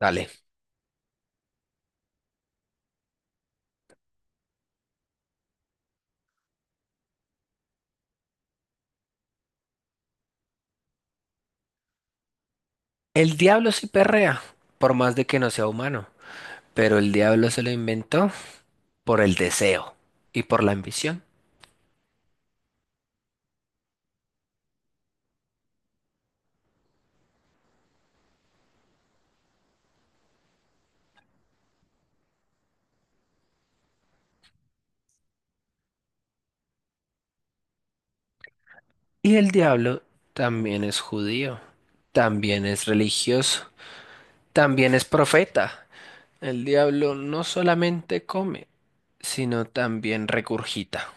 Dale. El diablo sí perrea, por más de que no sea humano, pero el diablo se lo inventó por el deseo y por la ambición. Y el diablo también es judío, también es religioso, también es profeta. El diablo no solamente come, sino también regurgita.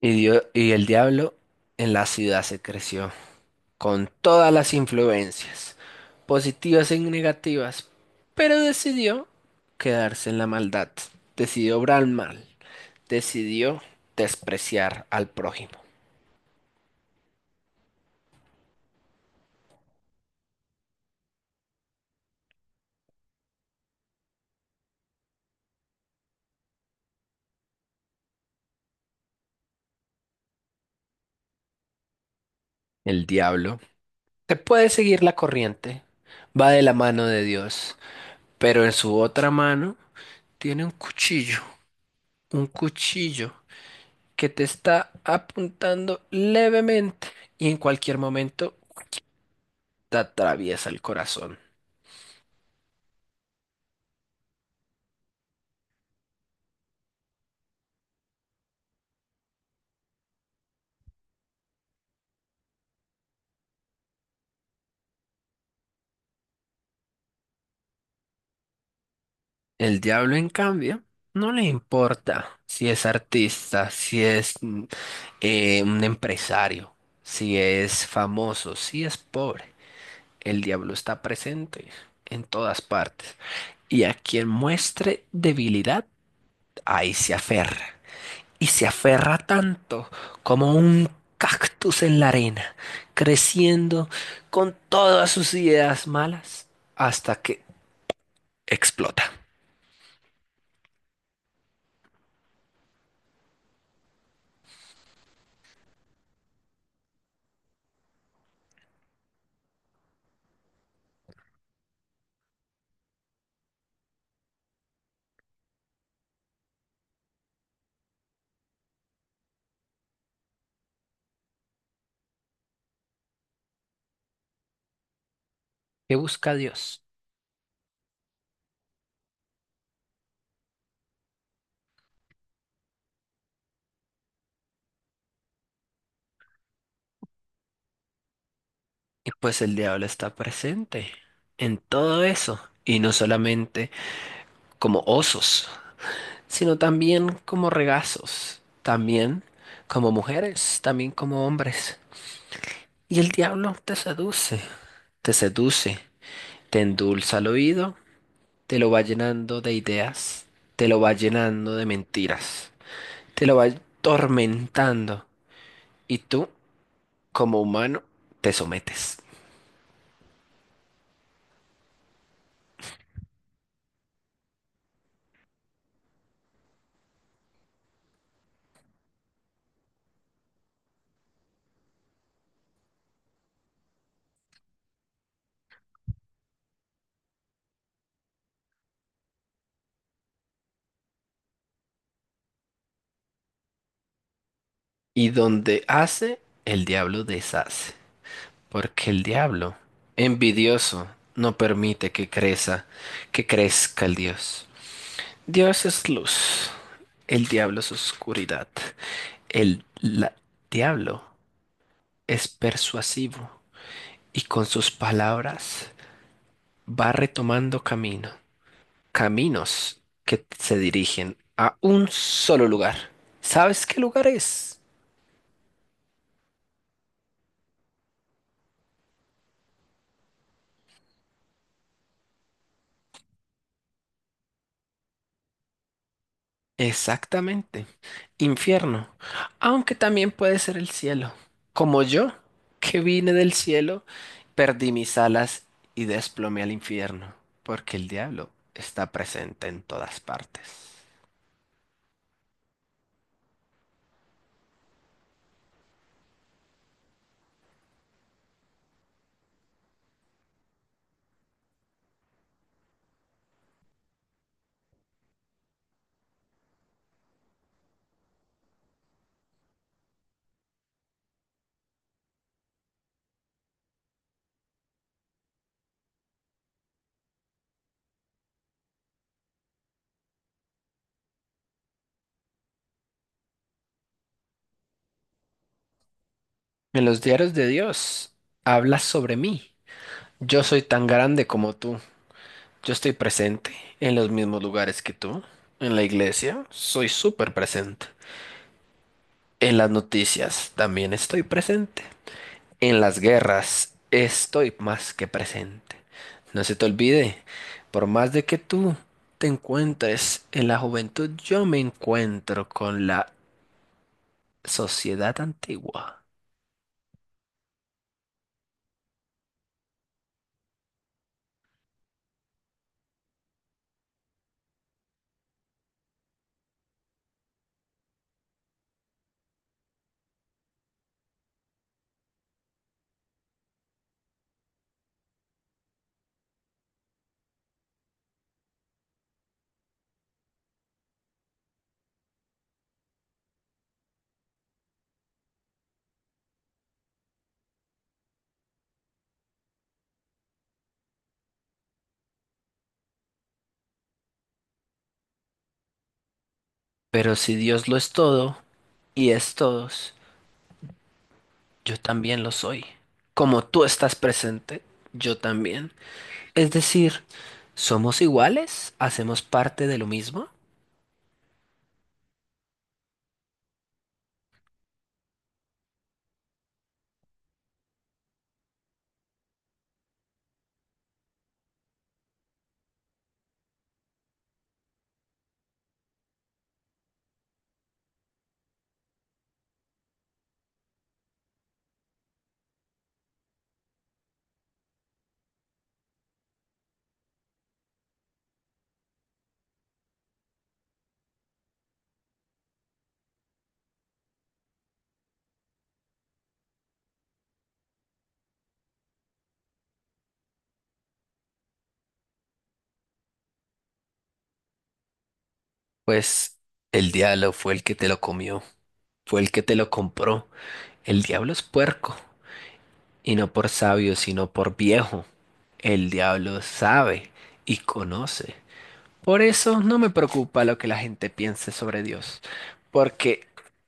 Y el diablo en la ciudad se creció, con todas las influencias, positivas y negativas, pero decidió quedarse en la maldad, decidió obrar mal, decidió despreciar al prójimo. El diablo te puede seguir la corriente, va de la mano de Dios, pero en su otra mano tiene un cuchillo que te está apuntando levemente y en cualquier momento te atraviesa el corazón. El diablo, en cambio, no le importa si es artista, si es un empresario, si es famoso, si es pobre. El diablo está presente en todas partes. Y a quien muestre debilidad, ahí se aferra. Y se aferra tanto como un cactus en la arena, creciendo con todas sus ideas malas hasta que explota. ¿Qué busca Dios? Y pues el diablo está presente en todo eso, y no solamente como osos, sino también como regazos, también como mujeres, también como hombres. Y el diablo te seduce, te seduce, te endulza el oído, te lo va llenando de ideas, te lo va llenando de mentiras, te lo va tormentando, y tú, como humano, te sometes. Y donde hace, el diablo deshace. Porque el diablo, envidioso, no permite que crezca el Dios. Dios es luz, el diablo es oscuridad. El diablo es persuasivo y con sus palabras va retomando camino, caminos que se dirigen a un solo lugar. ¿Sabes qué lugar es? Exactamente. Infierno. Aunque también puede ser el cielo. Como yo, que vine del cielo, perdí mis alas y desplomé al infierno, porque el diablo está presente en todas partes. En los diarios de Dios habla sobre mí. Yo soy tan grande como tú. Yo estoy presente en los mismos lugares que tú. En la iglesia soy súper presente. En las noticias también estoy presente. En las guerras estoy más que presente. No se te olvide, por más de que tú te encuentres en la juventud, yo me encuentro con la sociedad antigua. Pero si Dios lo es todo y es todos, yo también lo soy. Como tú estás presente, yo también. Es decir, ¿somos iguales? ¿Hacemos parte de lo mismo? Pues el diablo fue el que te lo comió, fue el que te lo compró. El diablo es puerco, y no por sabio, sino por viejo. El diablo sabe y conoce. Por eso no me preocupa lo que la gente piense sobre Dios, porque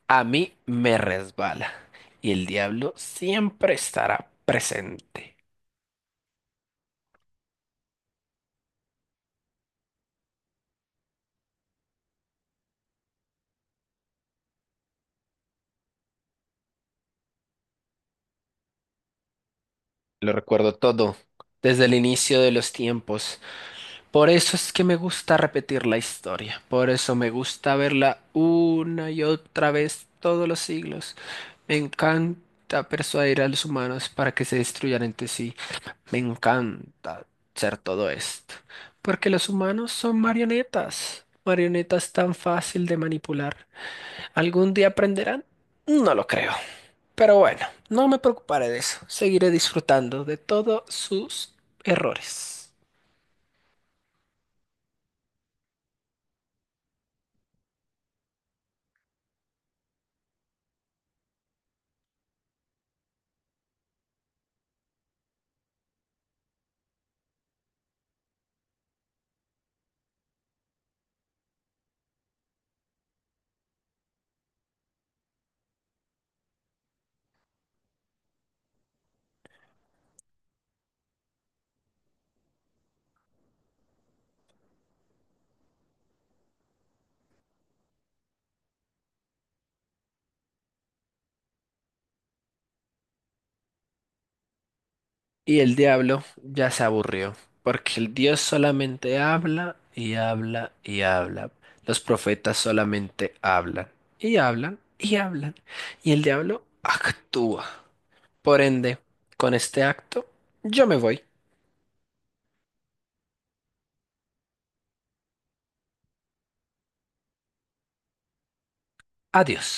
a mí me resbala, y el diablo siempre estará presente. Lo recuerdo todo, desde el inicio de los tiempos. Por eso es que me gusta repetir la historia, por eso me gusta verla una y otra vez todos los siglos. Me encanta persuadir a los humanos para que se destruyan entre sí. Me encanta hacer todo esto, porque los humanos son marionetas, marionetas tan fácil de manipular. ¿Algún día aprenderán? No lo creo. Pero bueno, no me preocuparé de eso. Seguiré disfrutando de todos sus errores. Y el diablo ya se aburrió, porque el Dios solamente habla y habla y habla. Los profetas solamente hablan y hablan y hablan. Y el diablo actúa. Por ende, con este acto, yo me voy. Adiós.